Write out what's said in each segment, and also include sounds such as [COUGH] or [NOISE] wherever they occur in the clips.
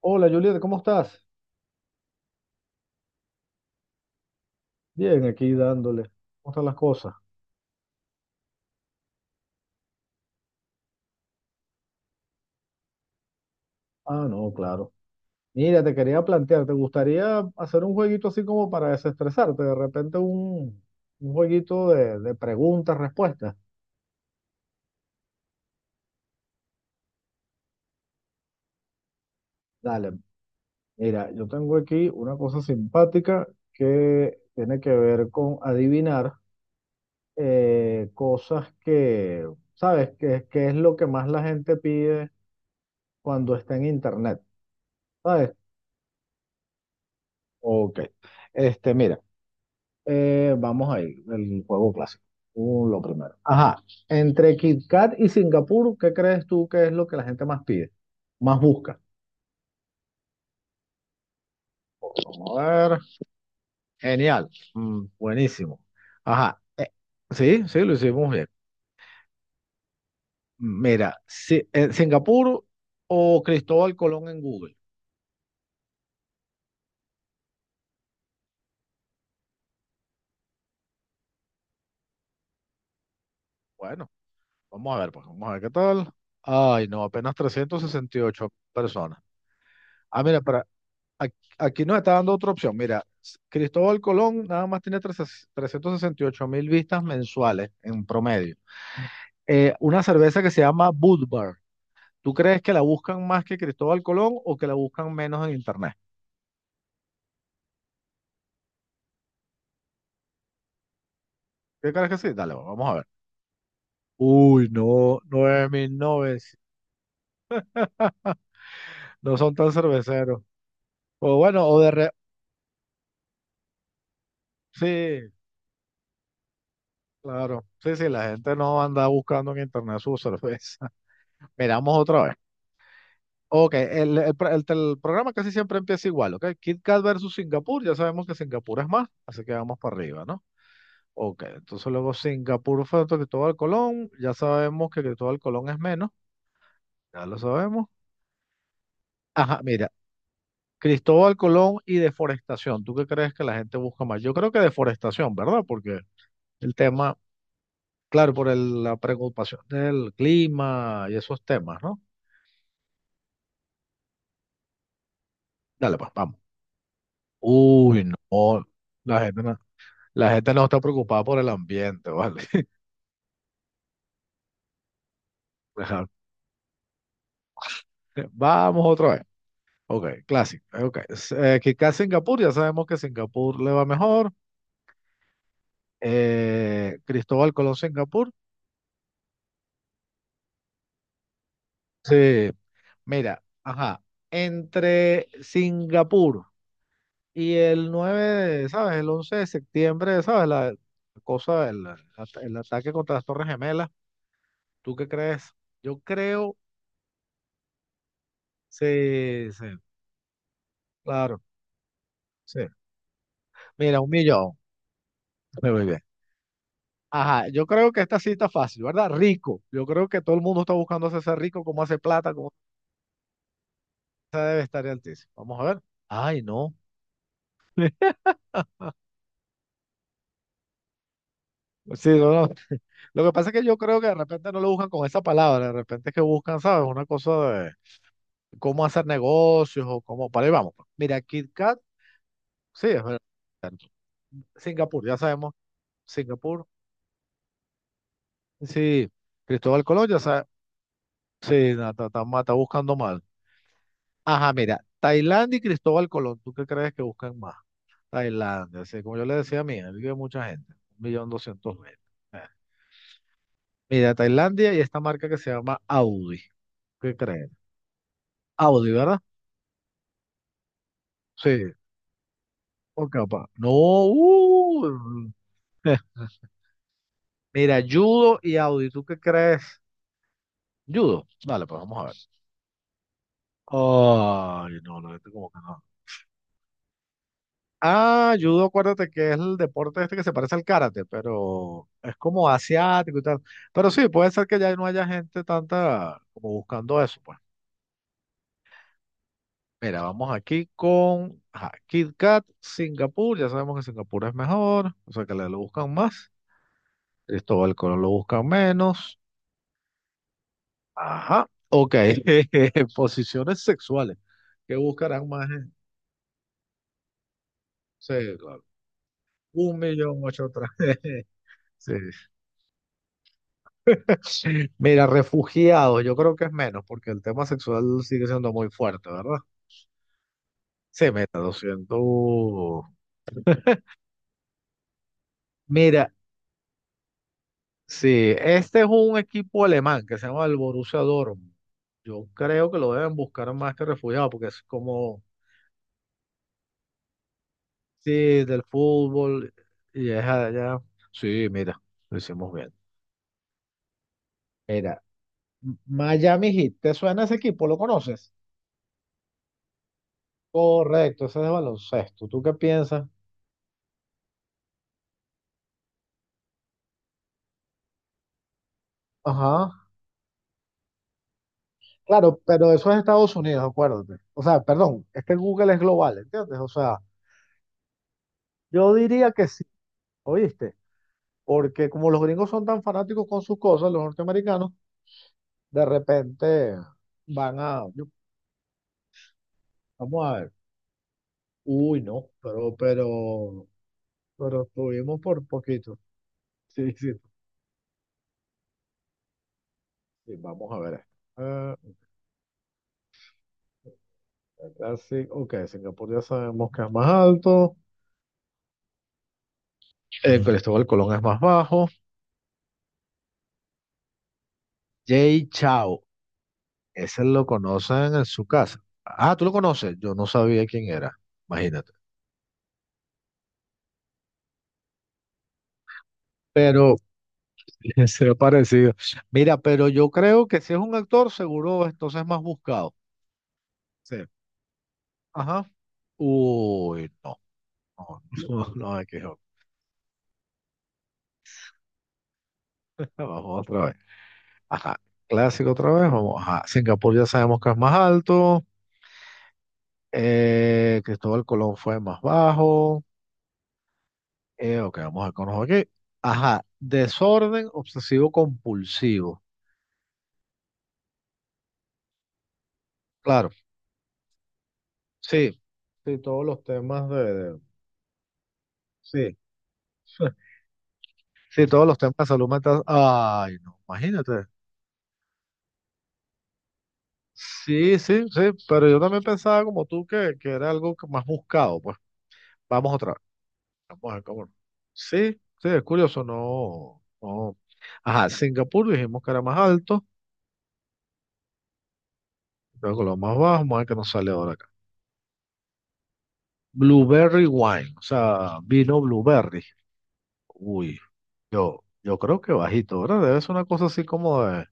Hola Julieta, ¿cómo estás? Bien, aquí dándole. ¿Cómo están las cosas? Ah, no, claro. Mira, te quería plantear, ¿te gustaría hacer un jueguito así como para desestresarte? De repente un jueguito de preguntas, respuestas. Dale, mira, yo tengo aquí una cosa simpática que tiene que ver con adivinar cosas que, ¿sabes? Que es lo que más la gente pide cuando está en internet, ¿sabes? Ok. Este, mira. Vamos ahí, el juego clásico. Lo primero. Ajá, entre KitKat y Singapur, ¿qué crees tú que es lo que la gente más pide? Más busca. Vamos a ver. Genial. Mm, buenísimo. Ajá. Sí, sí, lo hicimos bien. Mira, Singapur o Cristóbal Colón en Google. Bueno, vamos a ver, pues vamos a ver qué tal. Ay, no, apenas 368 personas. Ah, mira, Ac- aquí nos está dando otra opción. Mira, Cristóbal Colón nada más tiene 368.000 vistas mensuales en promedio. Una cerveza que se llama Budvar. ¿Tú crees que la buscan más que Cristóbal Colón o que la buscan menos en internet? ¿Qué crees que sí? Dale, vamos a ver. Uy, no, 9.900. [LAUGHS] No son tan cerveceros. O bueno, sí, claro. Sí, sí, la gente no anda buscando en internet su cerveza. [LAUGHS] Miramos otra vez. Ok, el programa casi siempre empieza igual, ¿ok? Kit Kat versus Singapur, ya sabemos que Singapur es más, así que vamos para arriba, ¿no? Ok, entonces luego Singapur fue otro Cristóbal Colón, ya sabemos que Cristóbal Colón es menos, ya lo sabemos. Ajá, mira, Cristóbal Colón y deforestación, ¿tú qué crees que la gente busca más? Yo creo que deforestación, ¿verdad? Porque el tema, claro, por la preocupación del clima y esos temas, ¿no? Dale, pues, vamos. Uy, no, la gente no la gente no está preocupada por el ambiente, ¿vale? [LAUGHS] Ajá. Vamos otra vez. Ok, clásico. Ok. Kikaz Singapur, ya sabemos que Singapur le va mejor. Cristóbal Colón Singapur. Sí, mira, ajá. Entre Singapur y el 9, de, ¿sabes? El 11 de septiembre, ¿sabes? La cosa, el ataque contra las Torres Gemelas. ¿Tú qué crees? Yo creo, sí, sí, claro, sí. Mira, 1.000.000. Muy bien. Ajá, yo creo que esta sí está fácil, ¿verdad? Rico. Yo creo que todo el mundo está buscando hacerse rico, cómo hace plata, cómo se debe estar altísimo. Vamos a ver. Ay, no. Sí, no, no. Lo que pasa es que yo creo que de repente no lo buscan con esa palabra, de repente es que buscan, ¿sabes? Una cosa de cómo hacer negocios o cómo. Para ahí vamos. Pues. Mira, Kit Kat, sí, es verdad. Singapur, ya sabemos. Singapur, sí. Cristóbal Colón, ya sabes. Sí, no, está, está buscando mal. Ajá, mira. Tailandia y Cristóbal Colón, ¿tú qué crees que buscan más? Tailandia, sí, como yo le decía a mí, ahí vive mucha gente, 1.200.000. Eh. Mira, Tailandia y esta marca que se llama Audi, ¿qué creen? Audi, ¿verdad? Sí, por capaz. No, [LAUGHS] mira, judo y Audi, ¿tú qué crees? Judo, dale, pues vamos a ver. Ay, no, no, este como que no. Ah, judo, acuérdate que es el deporte este que se parece al karate, pero es como asiático y tal. Pero sí, puede ser que ya no haya gente tanta como buscando eso, pues. Mira, vamos aquí con ajá, Kit Kat, Singapur. Ya sabemos que Singapur es mejor, o sea que le lo buscan más. Cristóbal Colón lo buscan menos. Ajá, ok. [LAUGHS] Posiciones sexuales. ¿Qué buscarán más? ¿Eh? Sí, claro. Un millón ocho otra. [LAUGHS] Sí. Mira, refugiados, yo creo que es menos, porque el tema sexual sigue siendo muy fuerte, ¿verdad? Se meta 200. Mira, sí, este es un equipo alemán que se llama el Borussia Dortmund. Yo creo que lo deben buscar más que refugiado porque es como, sí, del fútbol y es allá. Sí, mira, lo hicimos bien. Mira, Miami Heat, ¿te suena ese equipo? ¿Lo conoces? Correcto, ese es de baloncesto. ¿Tú qué piensas? Ajá. Claro, pero eso es Estados Unidos, acuérdate. O sea, perdón, es que Google es global, ¿entiendes? O sea, yo diría que sí, ¿oíste? Porque como los gringos son tan fanáticos con sus cosas, los norteamericanos, de repente van a, vamos a ver, uy, no, pero estuvimos por poquito. Sí, [LAUGHS] sí, sí, vamos a ver esto. Ah, ¿verdad? Sí, ok, Singapur ya sabemos que es más alto, el Cristóbal Colón es más bajo, Jay Chao, ese lo conocen en su casa. Ah, tú lo conoces, yo no sabía quién era, imagínate. Pero, [LAUGHS] será parecido. Mira, pero yo creo que si es un actor, seguro entonces es más buscado. Sí. Ajá. Uy, no. No, no, [LAUGHS] no, hay que joder. Vamos otra vez. Ajá. Clásico otra vez. Vamos. Ajá. Singapur ya sabemos que es más alto. Cristóbal Colón fue más bajo. Ok, vamos a conocer aquí. Ajá. Desorden obsesivo compulsivo. Claro. Sí. Sí, todos los temas sí. [LAUGHS] Sí, todos los temas de salud mental. Ay, no, imagínate. Sí, sí, sí, pero yo también pensaba como tú que era algo que más buscado. Pues vamos otra vez. Vamos a ver cómo. Sí, sí, es curioso, no, no. Ajá, Singapur dijimos que era más alto, luego lo más bajo, vamos a ver qué nos sale ahora acá. Blueberry wine, o sea, vino blueberry. Uy, yo creo que bajito, ¿verdad? Debe ser una cosa así como de.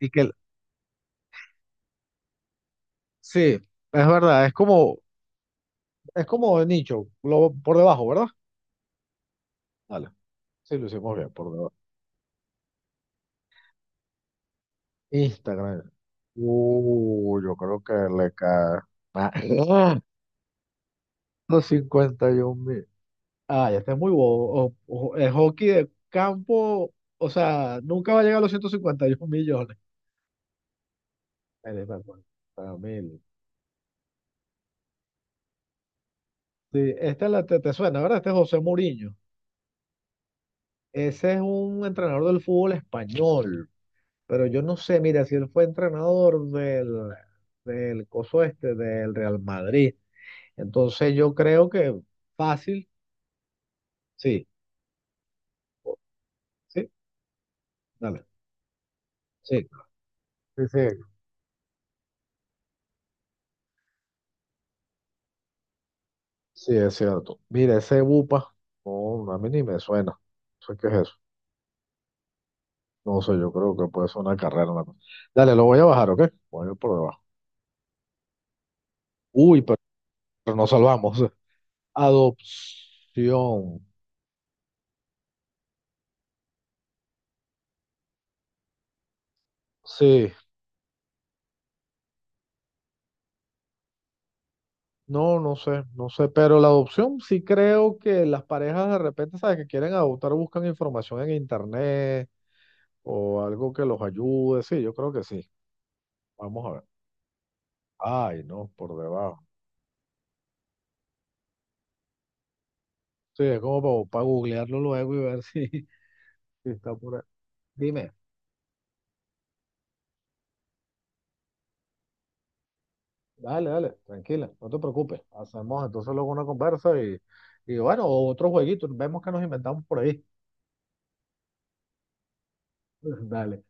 Y que, sí, es verdad, es como de nicho, por debajo, ¿verdad? Dale. Sí, lo hicimos bien, por debajo. Instagram. Yo creo que le cae. Ah, [LAUGHS] los 51.000. Ah, ya está muy bobo. El hockey de campo, o sea, nunca va a llegar a los 151.000.000. Ahí está, bueno, para mil. Sí, esta te suena, ¿verdad? Este es José Mourinho. Ese es un entrenador del fútbol español. Pero yo no sé, mira, si él fue entrenador del coso este, del Real Madrid. Entonces yo creo que fácil, sí, o- sí, dale, sí. Sí, sí, sí, es cierto. Mira, ese bupa, no, a mí ni me suena. ¿Eso qué es eso? No sé, yo creo que puede ser una carrera. Una cosa. Dale, lo voy a bajar, ¿ok? Voy a ir por debajo. Uy, pero nos salvamos. Adopción. Sí, no, no sé, no sé, pero la adopción sí creo que las parejas de repente, ¿sabes? Que quieren adoptar, buscan información en internet o algo que los ayude. Sí, yo creo que sí. Vamos a ver. Ay, no, por debajo. Sí, es como para, googlearlo luego y ver si, [LAUGHS] si está por ahí. Dime, dale, dale, tranquila, no te preocupes. Hacemos entonces luego una conversa y bueno, otro jueguito, vemos que nos inventamos por ahí. [LAUGHS] Dale.